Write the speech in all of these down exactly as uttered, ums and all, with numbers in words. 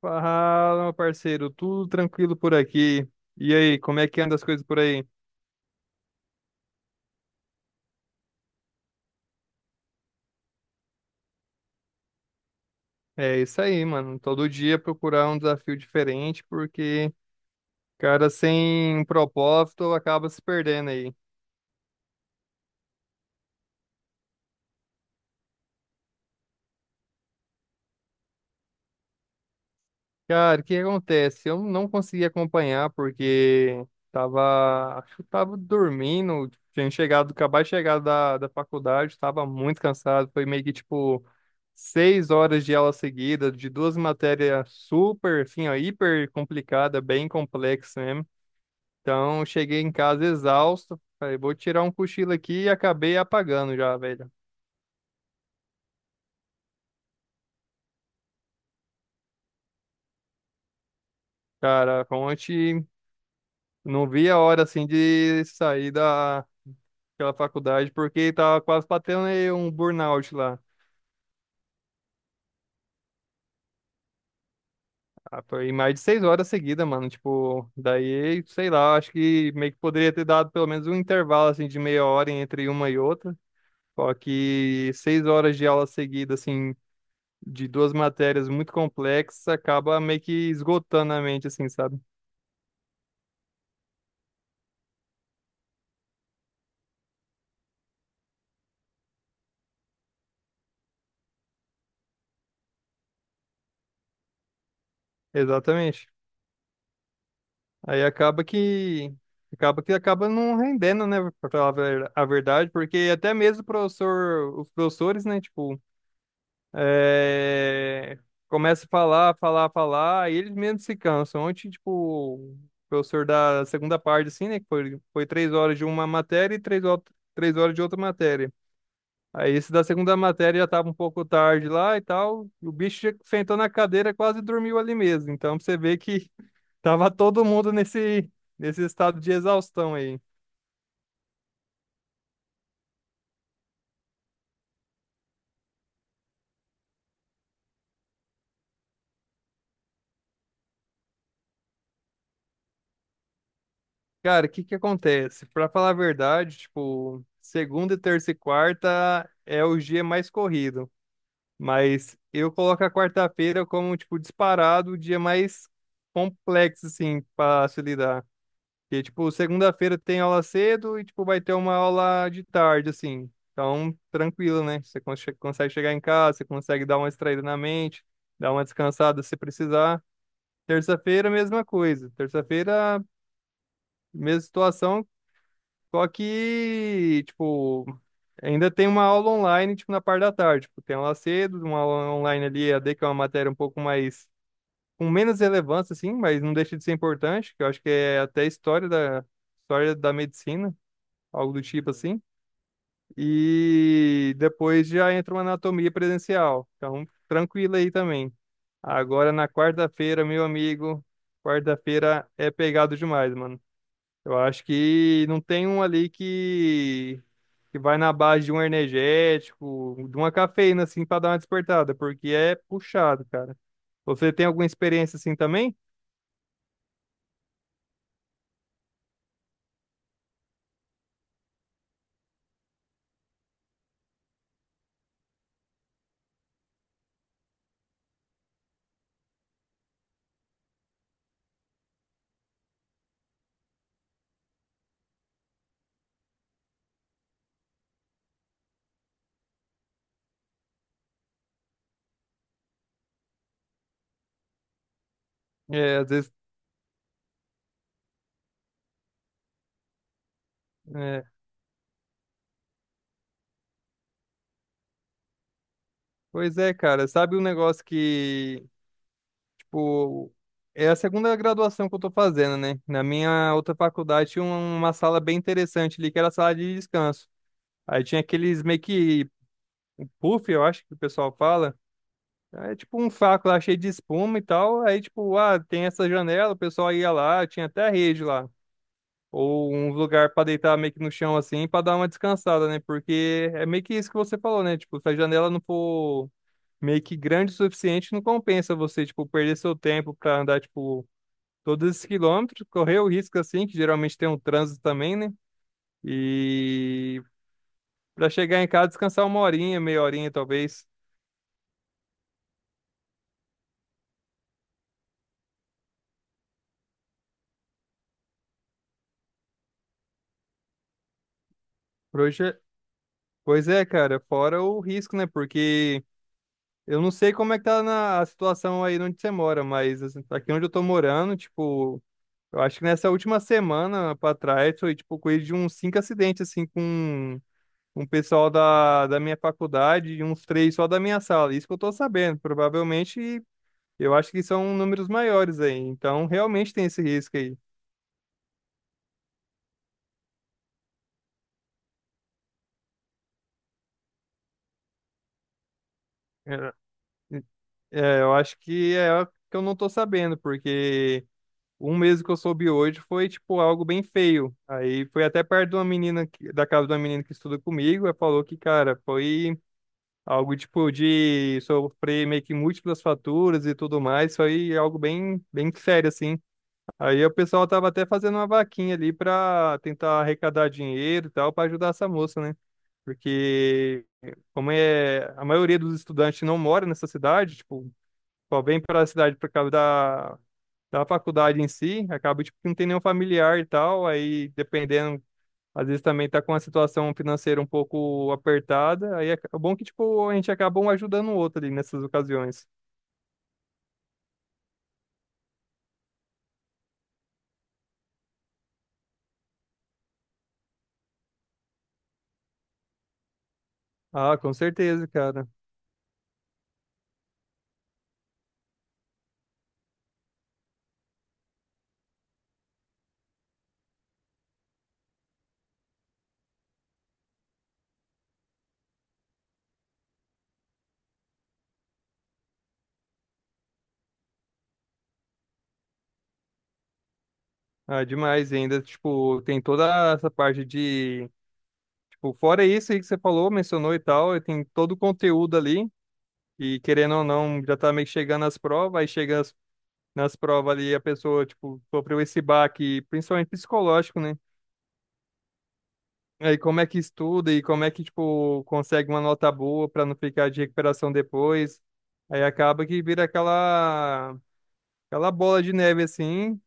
Fala, meu parceiro, tudo tranquilo por aqui. E aí, como é que anda as coisas por aí? É isso aí, mano. Todo dia procurar um desafio diferente, porque, cara, sem um propósito acaba se perdendo aí. Cara, o que acontece? Eu não consegui acompanhar porque tava, acho que tava dormindo, tinha chegado, acabado de chegar da, da faculdade, tava muito cansado, foi meio que tipo seis horas de aula seguida, de duas matérias super, assim, ó, hiper complicada, bem complexa mesmo. Então, cheguei em casa exausto, falei, vou tirar um cochilo aqui e acabei apagando já, velho. Cara, ontem não vi a hora, assim, de sair da aquela faculdade, porque tava quase batendo aí um burnout lá. Ah, foi mais de seis horas seguidas, mano. Tipo, daí, sei lá, acho que meio que poderia ter dado pelo menos um intervalo, assim, de meia hora entre uma e outra. Só que seis horas de aula seguida, assim, de duas matérias muito complexas, acaba meio que esgotando a mente, assim, sabe? Exatamente. Aí acaba que acaba que acaba não rendendo, né, pra falar a ver- a verdade, porque até mesmo o professor, os professores, né, tipo, É, começa a falar, falar, falar, e eles mesmos se cansam. Ontem, tipo, o professor da segunda parte, assim, né? Que foi, foi três horas de uma matéria e três, hor- três horas de outra matéria. Aí esse da segunda matéria já tava um pouco tarde lá e tal. E o bicho já sentou na cadeira e quase dormiu ali mesmo. Então pra você vê que tava todo mundo nesse, nesse, estado de exaustão aí. Cara, o que que acontece? Pra falar a verdade, tipo, segunda, terça e quarta é o dia mais corrido. Mas eu coloco a quarta-feira como, tipo, disparado o dia mais complexo, assim, pra se lidar. Porque, tipo, segunda-feira tem aula cedo e, tipo, vai ter uma aula de tarde, assim. Então, tranquilo, né? Você cons- consegue chegar em casa, você consegue dar uma distraída na mente, dar uma descansada se precisar. Terça-feira, mesma coisa. Terça-feira, mesma situação, só que, tipo, ainda tem uma aula online, tipo, na parte da tarde. Tipo, tem aula cedo, uma aula online ali, e a E A D, que é uma matéria um pouco mais, com menos relevância, assim, mas não deixa de ser importante, que eu acho que é até história da, história da medicina, algo do tipo assim. E depois já entra uma anatomia presencial. Então, tranquilo aí também. Agora na quarta-feira, meu amigo, quarta-feira é pegado demais, mano. Eu acho que não tem um ali que, que vai na base de um energético, de uma cafeína, assim, pra dar uma despertada, porque é puxado, cara. Você tem alguma experiência assim também? É, às vezes. É. Pois é, cara. Sabe um negócio que, tipo, é a segunda graduação que eu tô fazendo, né? Na minha outra faculdade tinha um- uma sala bem interessante ali, que era a sala de descanso. Aí tinha aqueles meio que puff, eu acho que o pessoal fala. É tipo um saco lá cheio de espuma e tal. Aí, tipo, ah, tem essa janela, o pessoal ia lá, tinha até rede lá. Ou um lugar pra deitar meio que no chão assim, pra dar uma descansada, né? Porque é meio que isso que você falou, né? Tipo, se a janela não for meio que grande o suficiente, não compensa você, tipo, perder seu tempo pra andar, tipo, todos esses quilômetros, correr o risco assim, que geralmente tem um trânsito também, né? E pra chegar em casa, descansar uma horinha, meia horinha talvez. Por hoje é- Pois é, cara, fora o risco, né? Porque. Eu não sei como é que tá na a situação aí onde você mora, mas assim, aqui onde eu tô morando, tipo, eu acho que nessa última semana pra trás foi tipo coisa de uns cinco acidentes assim com um pessoal da, da minha faculdade e uns três só da minha sala. Isso que eu tô sabendo. Provavelmente eu acho que são números maiores aí. Então realmente tem esse risco aí. É, é, eu acho que é o que eu não tô sabendo, porque um mesmo que eu soube hoje foi, tipo, algo bem feio. Aí foi até perto de uma menina, que- da casa de uma menina que estuda comigo, ela falou que, cara, foi algo, tipo, de sofrer meio que múltiplas faturas e tudo mais. Foi algo bem, bem sério, assim. Aí o pessoal tava até fazendo uma vaquinha ali pra tentar arrecadar dinheiro e tal, pra ajudar essa moça, né? Porque, como é, a maioria dos estudantes não mora nessa cidade, tipo, só vem para a cidade por causa da da faculdade em si, acaba tipo, que não tem nenhum familiar e tal, aí dependendo, às vezes também tá com a situação financeira um pouco apertada, aí é é bom que tipo a gente acaba um ajudando o outro ali nessas ocasiões. Ah, com certeza, cara. Ah, demais e ainda, tipo, tem toda essa parte de, tipo, fora isso aí que você falou, mencionou e tal, e tem todo o conteúdo ali, e querendo ou não, já tá meio que chegando às provas, aí chega as nas provas ali a pessoa, tipo, sofreu esse baque, principalmente psicológico, né? Aí como é que estuda e como é que, tipo, consegue uma nota boa pra não ficar de recuperação depois. Aí acaba que vira aquela, aquela, bola de neve, assim,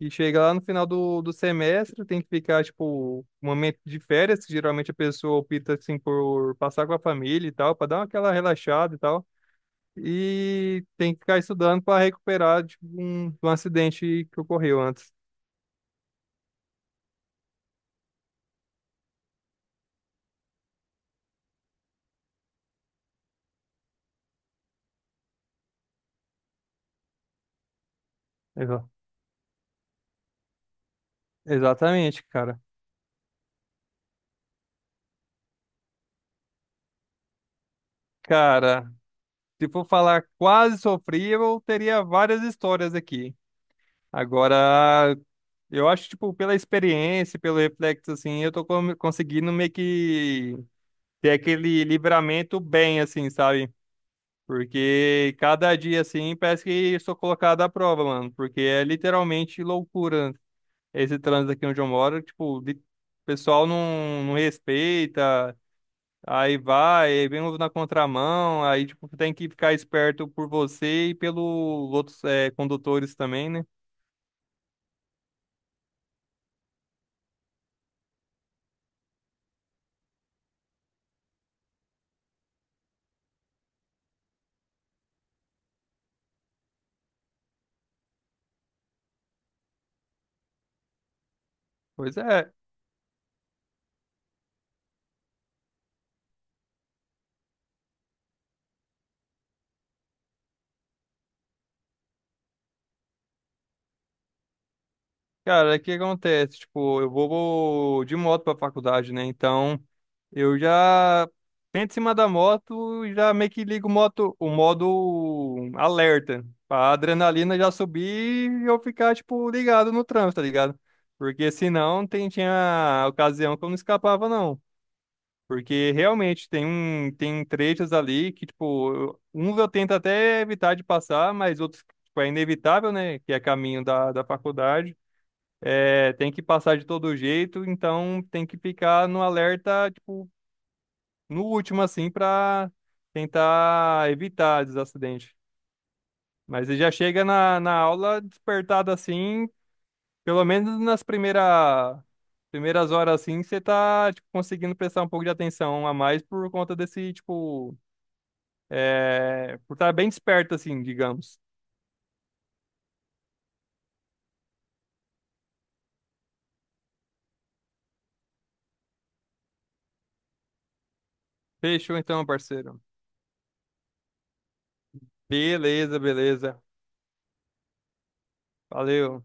e chega lá no final do, do semestre, tem que ficar, tipo, um momento de férias, que geralmente a pessoa opta, assim, por passar com a família e tal, pra dar aquela relaxada e tal. E tem que ficar estudando pra recuperar, tipo, um, um acidente que ocorreu antes. Exa- Exatamente, cara. Cara, se for falar quase sofrível, teria várias histórias aqui. Agora, eu acho, tipo, pela experiência, pelo reflexo, assim, eu tô com- conseguindo meio que ter aquele livramento bem, assim, sabe? Porque cada dia, assim, parece que eu sou colocado à prova, mano. Porque é literalmente loucura esse trânsito aqui onde eu moro. Tipo, de- o pessoal não, não respeita. Aí vai, aí vem uns na contramão, aí tipo, tem que ficar esperto por você e pelos outros eh, condutores também, né? Pois é, cara, o que acontece? Tipo, eu vou, vou de moto pra faculdade, né? Então, eu já sento em cima da moto e já meio que ligo o moto, o modo alerta, pra adrenalina já subir e eu ficar, tipo, ligado no trânsito, tá ligado? Porque senão tem, tinha ocasião que eu não escapava, não. Porque realmente tem um tem trechos ali que, tipo, eu- uns eu tento até evitar de passar, mas outros, tipo, é inevitável, né? Que é caminho da, da faculdade. É, tem que passar de todo jeito, então tem que ficar no alerta, tipo, no último, assim, pra tentar evitar os acidentes. Mas ele já chega na, na aula despertado assim, pelo menos nas primeira, primeiras horas, assim, você tá, tipo, conseguindo prestar um pouco de atenção a mais por conta desse, tipo. É, por estar bem desperto, assim, digamos. Fechou então, parceiro. Beleza, beleza. Valeu.